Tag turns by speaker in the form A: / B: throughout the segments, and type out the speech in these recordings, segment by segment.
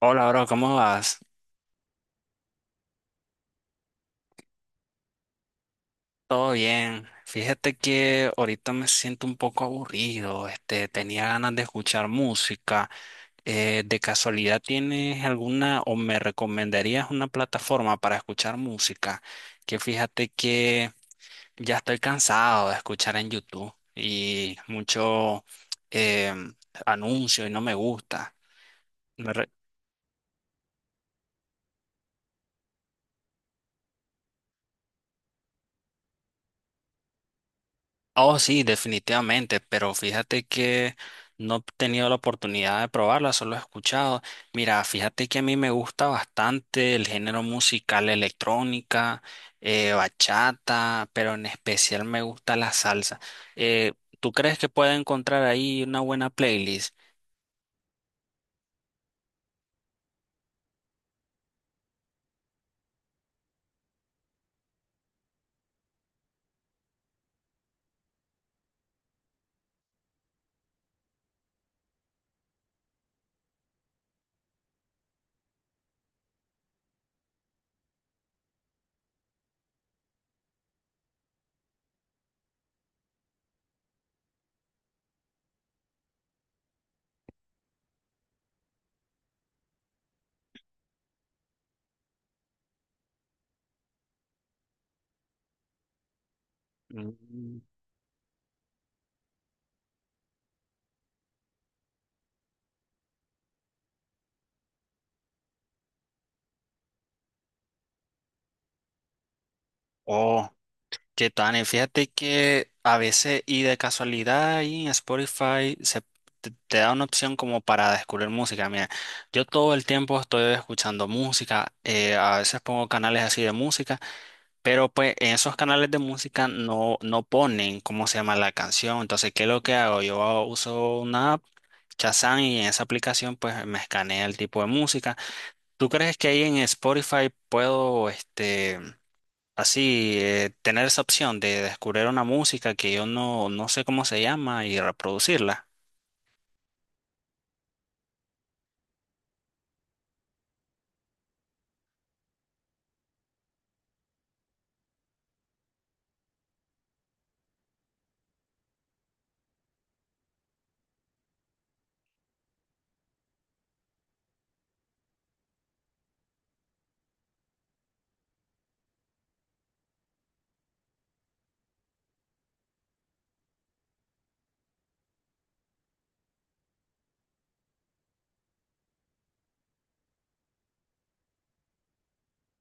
A: Hola, bro, ¿cómo vas? Todo bien. Fíjate que ahorita me siento un poco aburrido. Este, tenía ganas de escuchar música. ¿De casualidad tienes alguna o me recomendarías una plataforma para escuchar música? Que fíjate que ya estoy cansado de escuchar en YouTube y mucho eh, anuncio y no me gusta. Oh, sí, definitivamente, pero fíjate que no he tenido la oportunidad de probarla, solo he escuchado. Mira, fíjate que a mí me gusta bastante el género musical electrónica, bachata, pero en especial me gusta la salsa. Eh, ¿Tú crees que pueda encontrar ahí una buena playlist? Mm. Oh. ¿Qué tal? Fíjate que a veces y de casualidad ahí en Spotify se te da una opción como para descubrir música. Mira, yo todo el tiempo estoy escuchando música, a veces pongo canales así de música, pero pues en esos canales de música no ponen cómo se llama la canción. Entonces, ¿qué es lo que hago? Uso una app. Shazam, y en esa aplicación pues me escanea el tipo de música. ¿Tú crees que ahí en Spotify puedo este así, tener esa opción de descubrir una música que yo no sé cómo se llama y reproducirla?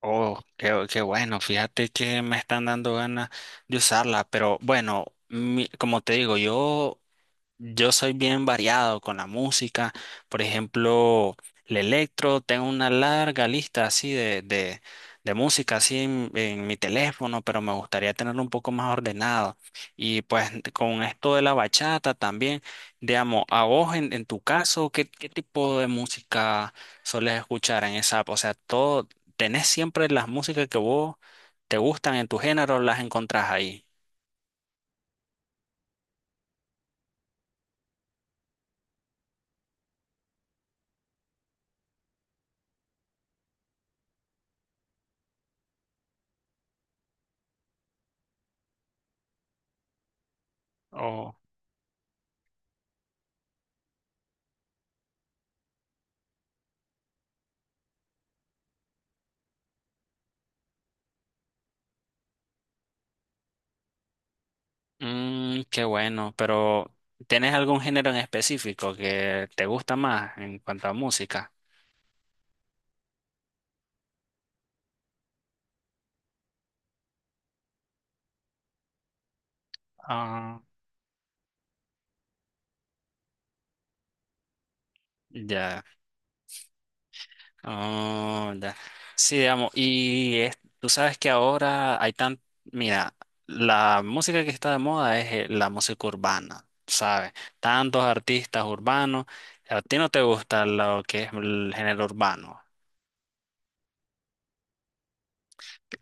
A: Oh, qué bueno, fíjate que me están dando ganas de usarla, pero bueno, como te digo, yo soy bien variado con la música. Por ejemplo, el electro, tengo una larga lista así de música así en mi teléfono, pero me gustaría tenerlo un poco más ordenado. Y pues con esto de la bachata también, digamos, a vos en tu caso, ¿ qué tipo de música soles escuchar en esa app? O sea, todo, ¿tenés siempre las músicas que vos te gustan en tu género, las encontrás ahí? Mm, qué bueno, pero ¿tenés algún género en específico que te gusta más en cuanto a música? Ah, ya, ah, ya. Sí, digamos, tú sabes que ahora hay tan, mira, la música que está de moda es la música urbana, ¿sabes? Tantos artistas urbanos. ¿A ti no te gusta lo que es el género urbano?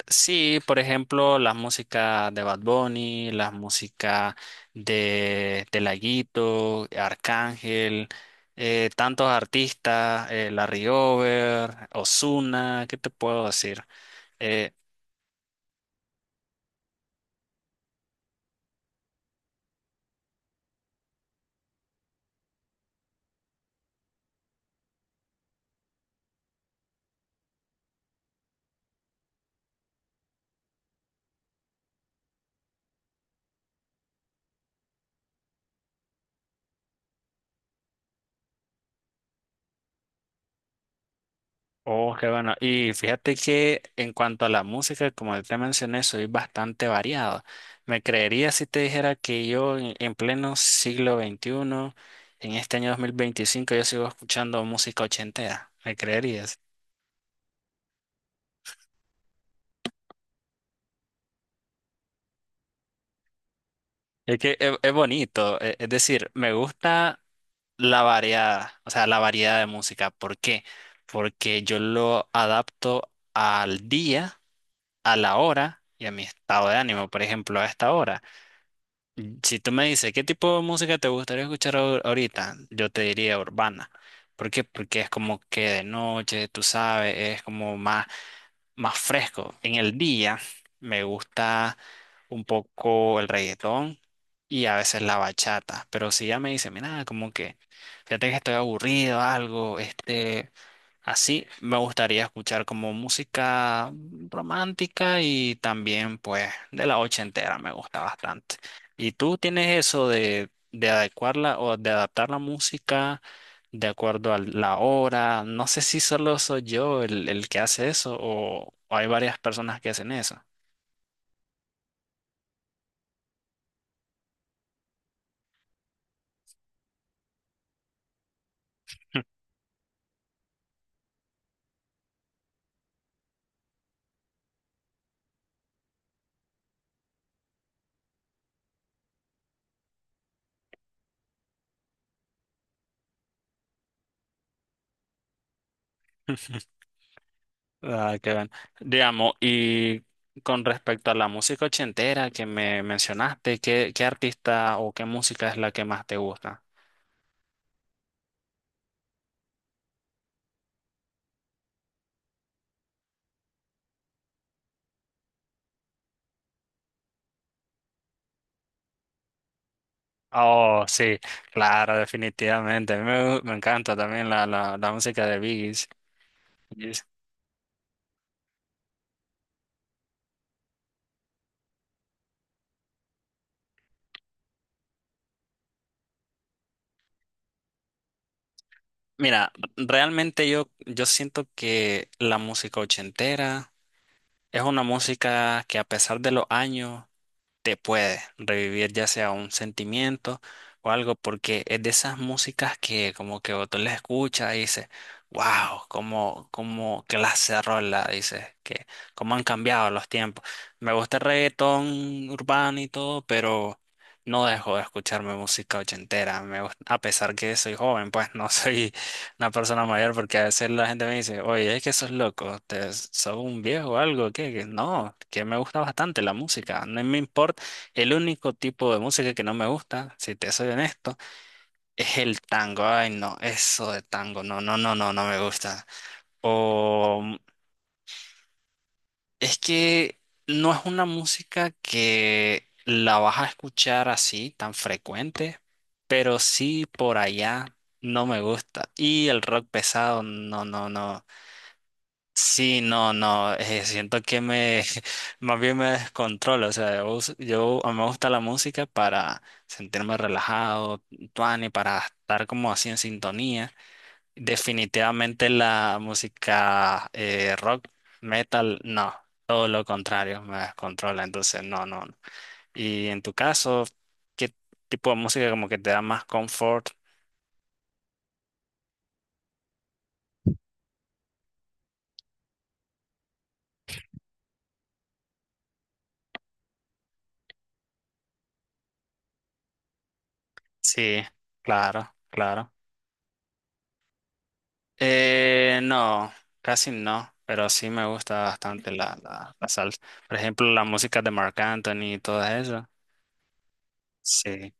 A: Sí, por ejemplo, las músicas de Bad Bunny, las músicas de Laguito, Arcángel, tantos artistas, Larry Over, Ozuna, ¿qué te puedo decir? Eh, oh, qué bueno. Y fíjate que en cuanto a la música, como te mencioné, soy bastante variado. Me creería si te dijera que yo en pleno siglo XXI, en este año 2025, yo sigo escuchando música ochentera. ¿Me creerías? Es que es bonito, es decir, me gusta la variedad, o sea, la variedad de música. ¿Por qué? Porque yo lo adapto al día, a la hora y a mi estado de ánimo, por ejemplo, a esta hora. Mm, si tú me dices, ¿qué tipo de música te gustaría escuchar ahorita? Yo te diría urbana. ¿Por qué? Porque es como que de noche, tú sabes, es como más fresco. En el día me gusta un poco el reggaetón y a veces la bachata, pero si ya me dice, mira, como que fíjate que estoy aburrido, algo, este, así me gustaría escuchar como música romántica y también pues de la ochentera me gusta bastante. ¿Y tú tienes eso de adecuarla o de adaptar la música de acuerdo a la hora? No sé si solo soy yo el que hace eso o hay varias personas que hacen eso. Ah, qué bien. Digamos, y con respecto a la música ochentera que me mencionaste, ¿ qué artista o qué música es la que más te gusta? Oh, sí, claro, definitivamente. A mí me encanta también la música de Biggie. Yes. Mira, realmente yo siento que la música ochentera es una música que a pesar de los años te puede revivir ya sea un sentimiento o algo, porque es de esas músicas que como que tú la escuchas y dices, wow, como, como clase de rola, dices, que cómo han cambiado los tiempos. Me gusta el reggaetón urbano y todo, pero no dejo de escucharme música ochentera. A pesar que soy joven, pues no soy una persona mayor, porque a veces la gente me dice, oye, es que sos loco, te, sos un viejo o algo, que no, que me gusta bastante la música, no me importa. El único tipo de música que no me gusta, si te soy honesto, es el tango. Ay, no, eso de tango, no, no, no, no, no me gusta. O mm, es que no es una música que la vas a escuchar así tan frecuente, pero sí por allá no me gusta. Y el rock pesado, no, no, no. Sí, no, no, siento que me, más bien me descontrolo, o sea, a mí me gusta la música para sentirme relajado, tuani, para estar como así en sintonía. Definitivamente la música rock, metal, no, todo lo contrario, me descontrola, entonces no, no, no. Y en tu caso, ¿qué tipo de música como que te da más confort? Sí, claro, claro. No, casi no, pero sí me gusta bastante la, la, la salsa. Por ejemplo, la música de Marc Anthony y todo eso. Sí.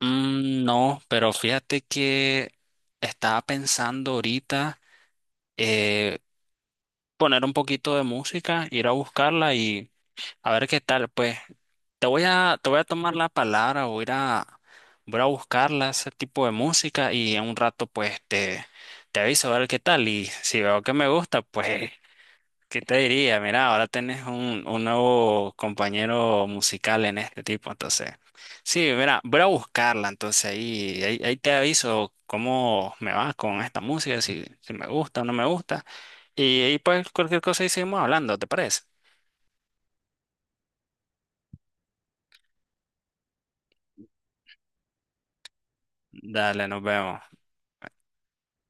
A: Mm, no, pero fíjate que estaba pensando ahorita eh, poner un poquito de música, ir a buscarla y a ver qué tal. Pues te te voy a tomar la palabra, voy a buscarla, ese tipo de música y en un rato pues te aviso a ver qué tal y si veo que me gusta, pues ¿qué te diría? Mira, ahora tenés un nuevo compañero musical en este tipo, entonces. Sí, mira, voy a buscarla, entonces ahí te aviso cómo me va con esta música, si me gusta o no me gusta. Y ahí pues cualquier cosa ahí seguimos hablando, ¿te parece? Dale, nos vemos.